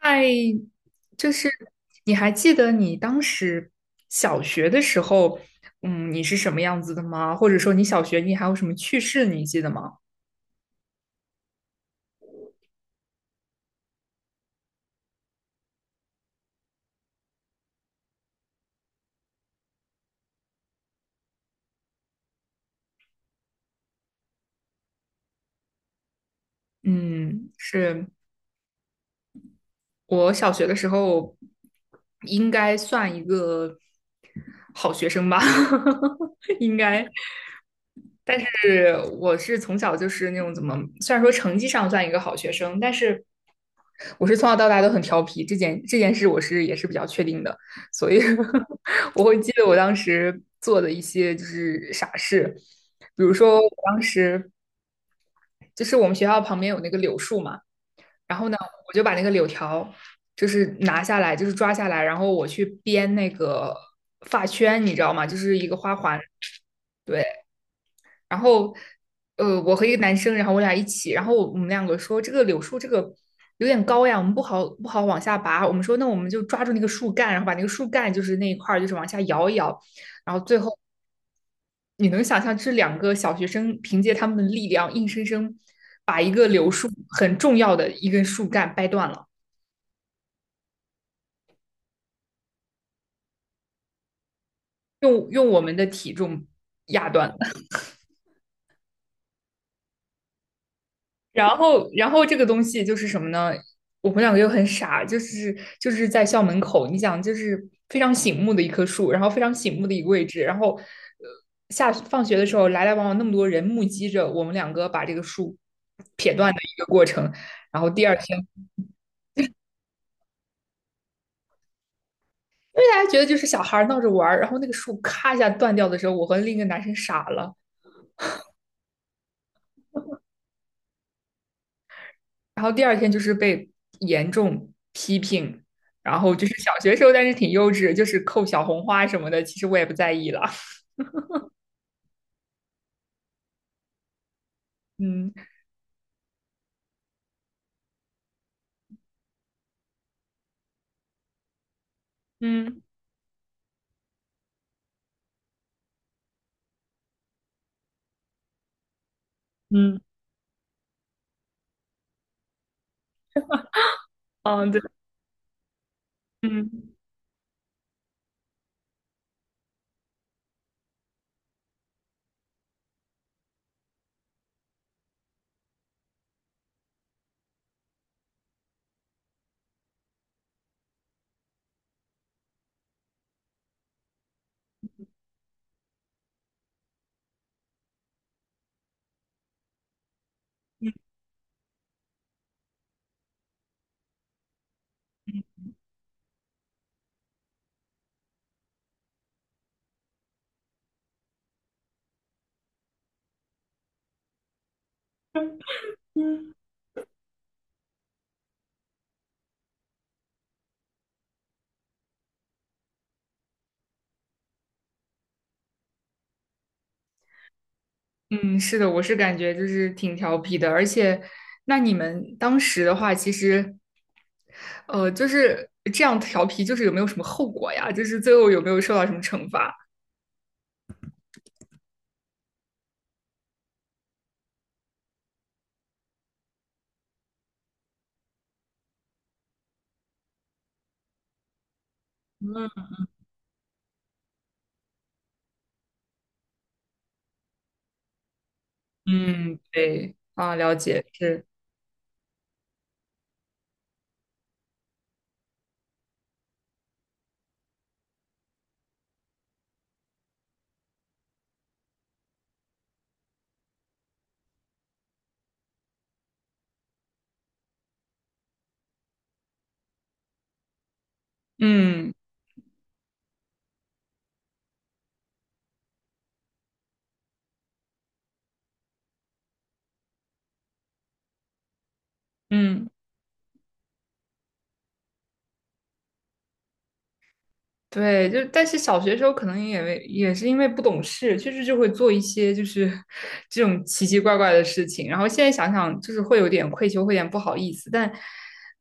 哎，就是你还记得你当时小学的时候，你是什么样子的吗？或者说你小学你还有什么趣事你记得吗？嗯，是。我小学的时候应该算一个好学生吧，应该。但是我是从小就是那种怎么，虽然说成绩上算一个好学生，但是我是从小到大都很调皮，这件事我是也是比较确定的，所以 我会记得我当时做的一些就是傻事，比如说我当时就是我们学校旁边有那个柳树嘛。然后呢，我就把那个柳条就是拿下来，就是抓下来，然后我去编那个发圈，你知道吗？就是一个花环，对。然后我和一个男生，然后我俩一起，然后我们两个说这个柳树这个有点高呀，我们不好往下拔。我们说那我们就抓住那个树干，然后把那个树干就是那一块儿就是往下摇一摇，然后最后你能想象这两个小学生凭借他们的力量，硬生生把一个柳树很重要的一根树干掰断了，用我们的体重压断了。然后，然后这个东西就是什么呢？我们两个又很傻，就是在校门口，你想，就是非常醒目的一棵树，然后非常醒目的一个位置，然后下放学的时候来来往往那么多人目击着我们两个把这个树撇断的一个过程。然后第二天，因为大家觉得就是小孩儿闹着玩儿然后那个树咔一下断掉的时候，我和另一个男生傻了。然后第二天就是被严重批评，然后就是小学时候，但是挺幼稚，就是扣小红花什么的，其实我也不在意了。嗯嗯嗯嗯，对，嗯嗯，嗯，是的，我是感觉就是挺调皮的。而且那你们当时的话，其实就是这样调皮，就是有没有什么后果呀？就是最后有没有受到什么惩罚？嗯嗯，对，啊，了解，是，嗯嗯。对，就但是小学时候可能也为也是因为不懂事，确实就会做一些就是 这种奇奇怪怪的事情。然后现在想想，就是会有点愧疚，会有点不好意思。但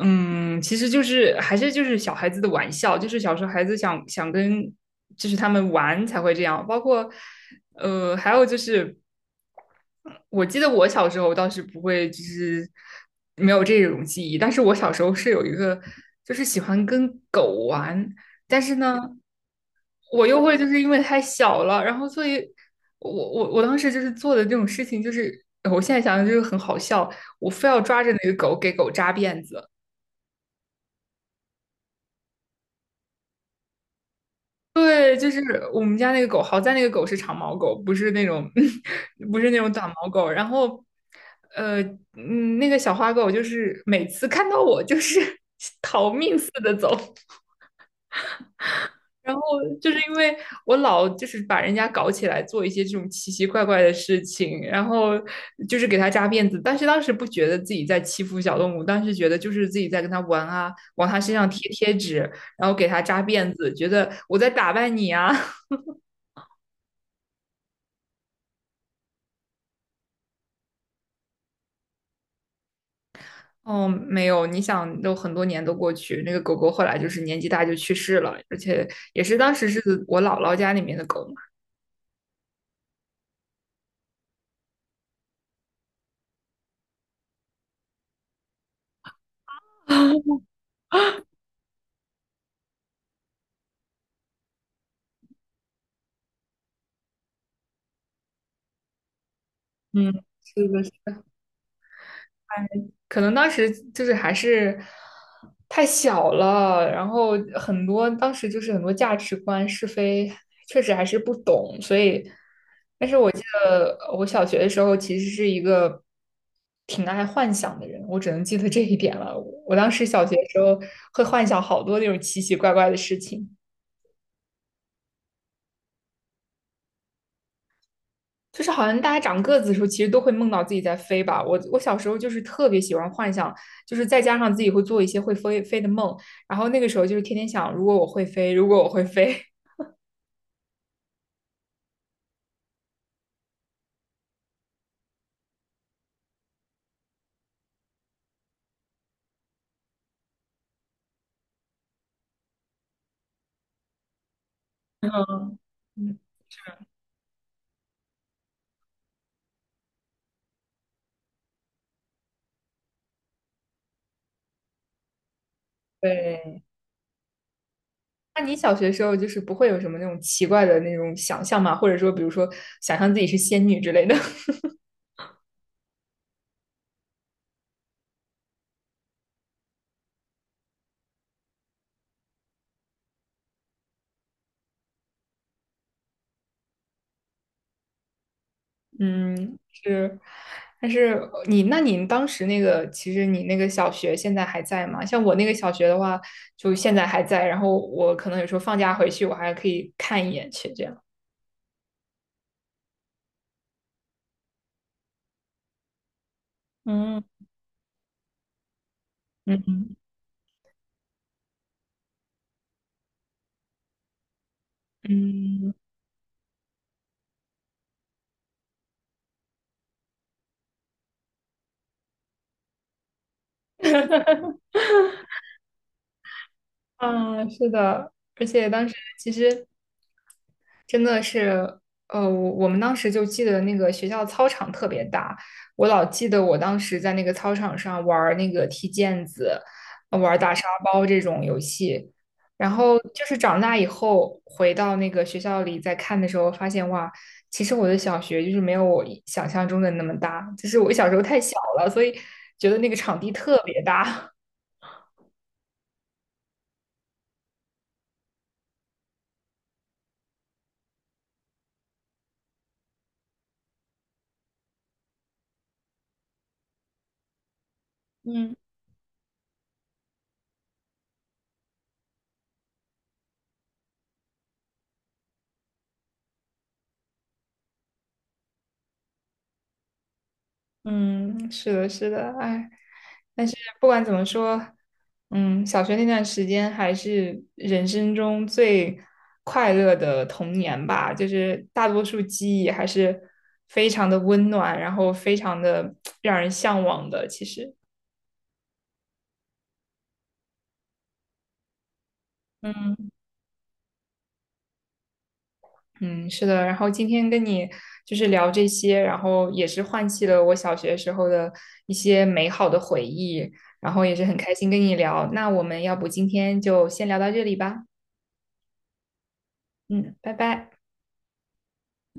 嗯，其实就是还是就是小孩子的玩笑，就是小时候孩子想想跟就是他们玩才会这样。包括还有就是。我记得我小时候倒是不会，就是没有这种记忆。但是我小时候是有一个，就是喜欢跟狗玩，但是呢，我又会就是因为太小了，然后所以我当时就是做的这种事情，就是我现在想想就是很好笑，我非要抓着那个狗给狗扎辫子。对，就是我们家那个狗，好在那个狗是长毛狗，不是那种 不是那种短毛狗。然后，呃，嗯，那个小花狗就是每次看到我就是 逃命似的走。然后就是因为我老就是把人家搞起来做一些这种奇奇怪怪的事情，然后就是给他扎辫子，但是当时不觉得自己在欺负小动物，当时觉得就是自己在跟他玩啊，往他身上贴贴纸，然后给他扎辫子，觉得我在打扮你啊。哦，没有，你想都很多年都过去，那个狗狗后来就是年纪大就去世了，而且也是当时是我姥姥家里面的狗嘛。嗯，是的，是。可能当时就是还是太小了，然后很多当时就是很多价值观是非，确实还是不懂，所以，但是我记得我小学的时候其实是一个挺爱幻想的人，我只能记得这一点了。我当时小学的时候会幻想好多那种奇奇怪怪的事情。就是好像大家长个子的时候，其实都会梦到自己在飞吧。我小时候就是特别喜欢幻想，就是再加上自己会做一些会飞的梦，然后那个时候就是天天想，如果我会飞，如果我会飞。嗯，对。那你小学时候就是不会有什么那种奇怪的那种想象吗？或者说，比如说想象自己是仙女之类的？嗯，是，但是你，那你当时那个，其实你那个小学现在还在吗？像我那个小学的话，就现在还在，然后我可能有时候放假回去，我还可以看一眼去这样。嗯嗯嗯，啊，是的，而且当时其实真的是，我们当时就记得那个学校操场特别大，我老记得我当时在那个操场上玩儿那个踢毽子，玩儿打沙包这种游戏。然后就是长大以后回到那个学校里再看的时候，发现哇，其实我的小学就是没有我想象中的那么大，就是我小时候太小了，所以觉得那个场地特别大。嗯。嗯，是的，是的，哎，但是不管怎么说，嗯，小学那段时间还是人生中最快乐的童年吧，就是大多数记忆还是非常的温暖，然后非常的让人向往的，其实。嗯嗯，是的。然后今天跟你就是聊这些，然后也是唤起了我小学时候的一些美好的回忆，然后也是很开心跟你聊。那我们要不今天就先聊到这里吧。嗯，拜拜。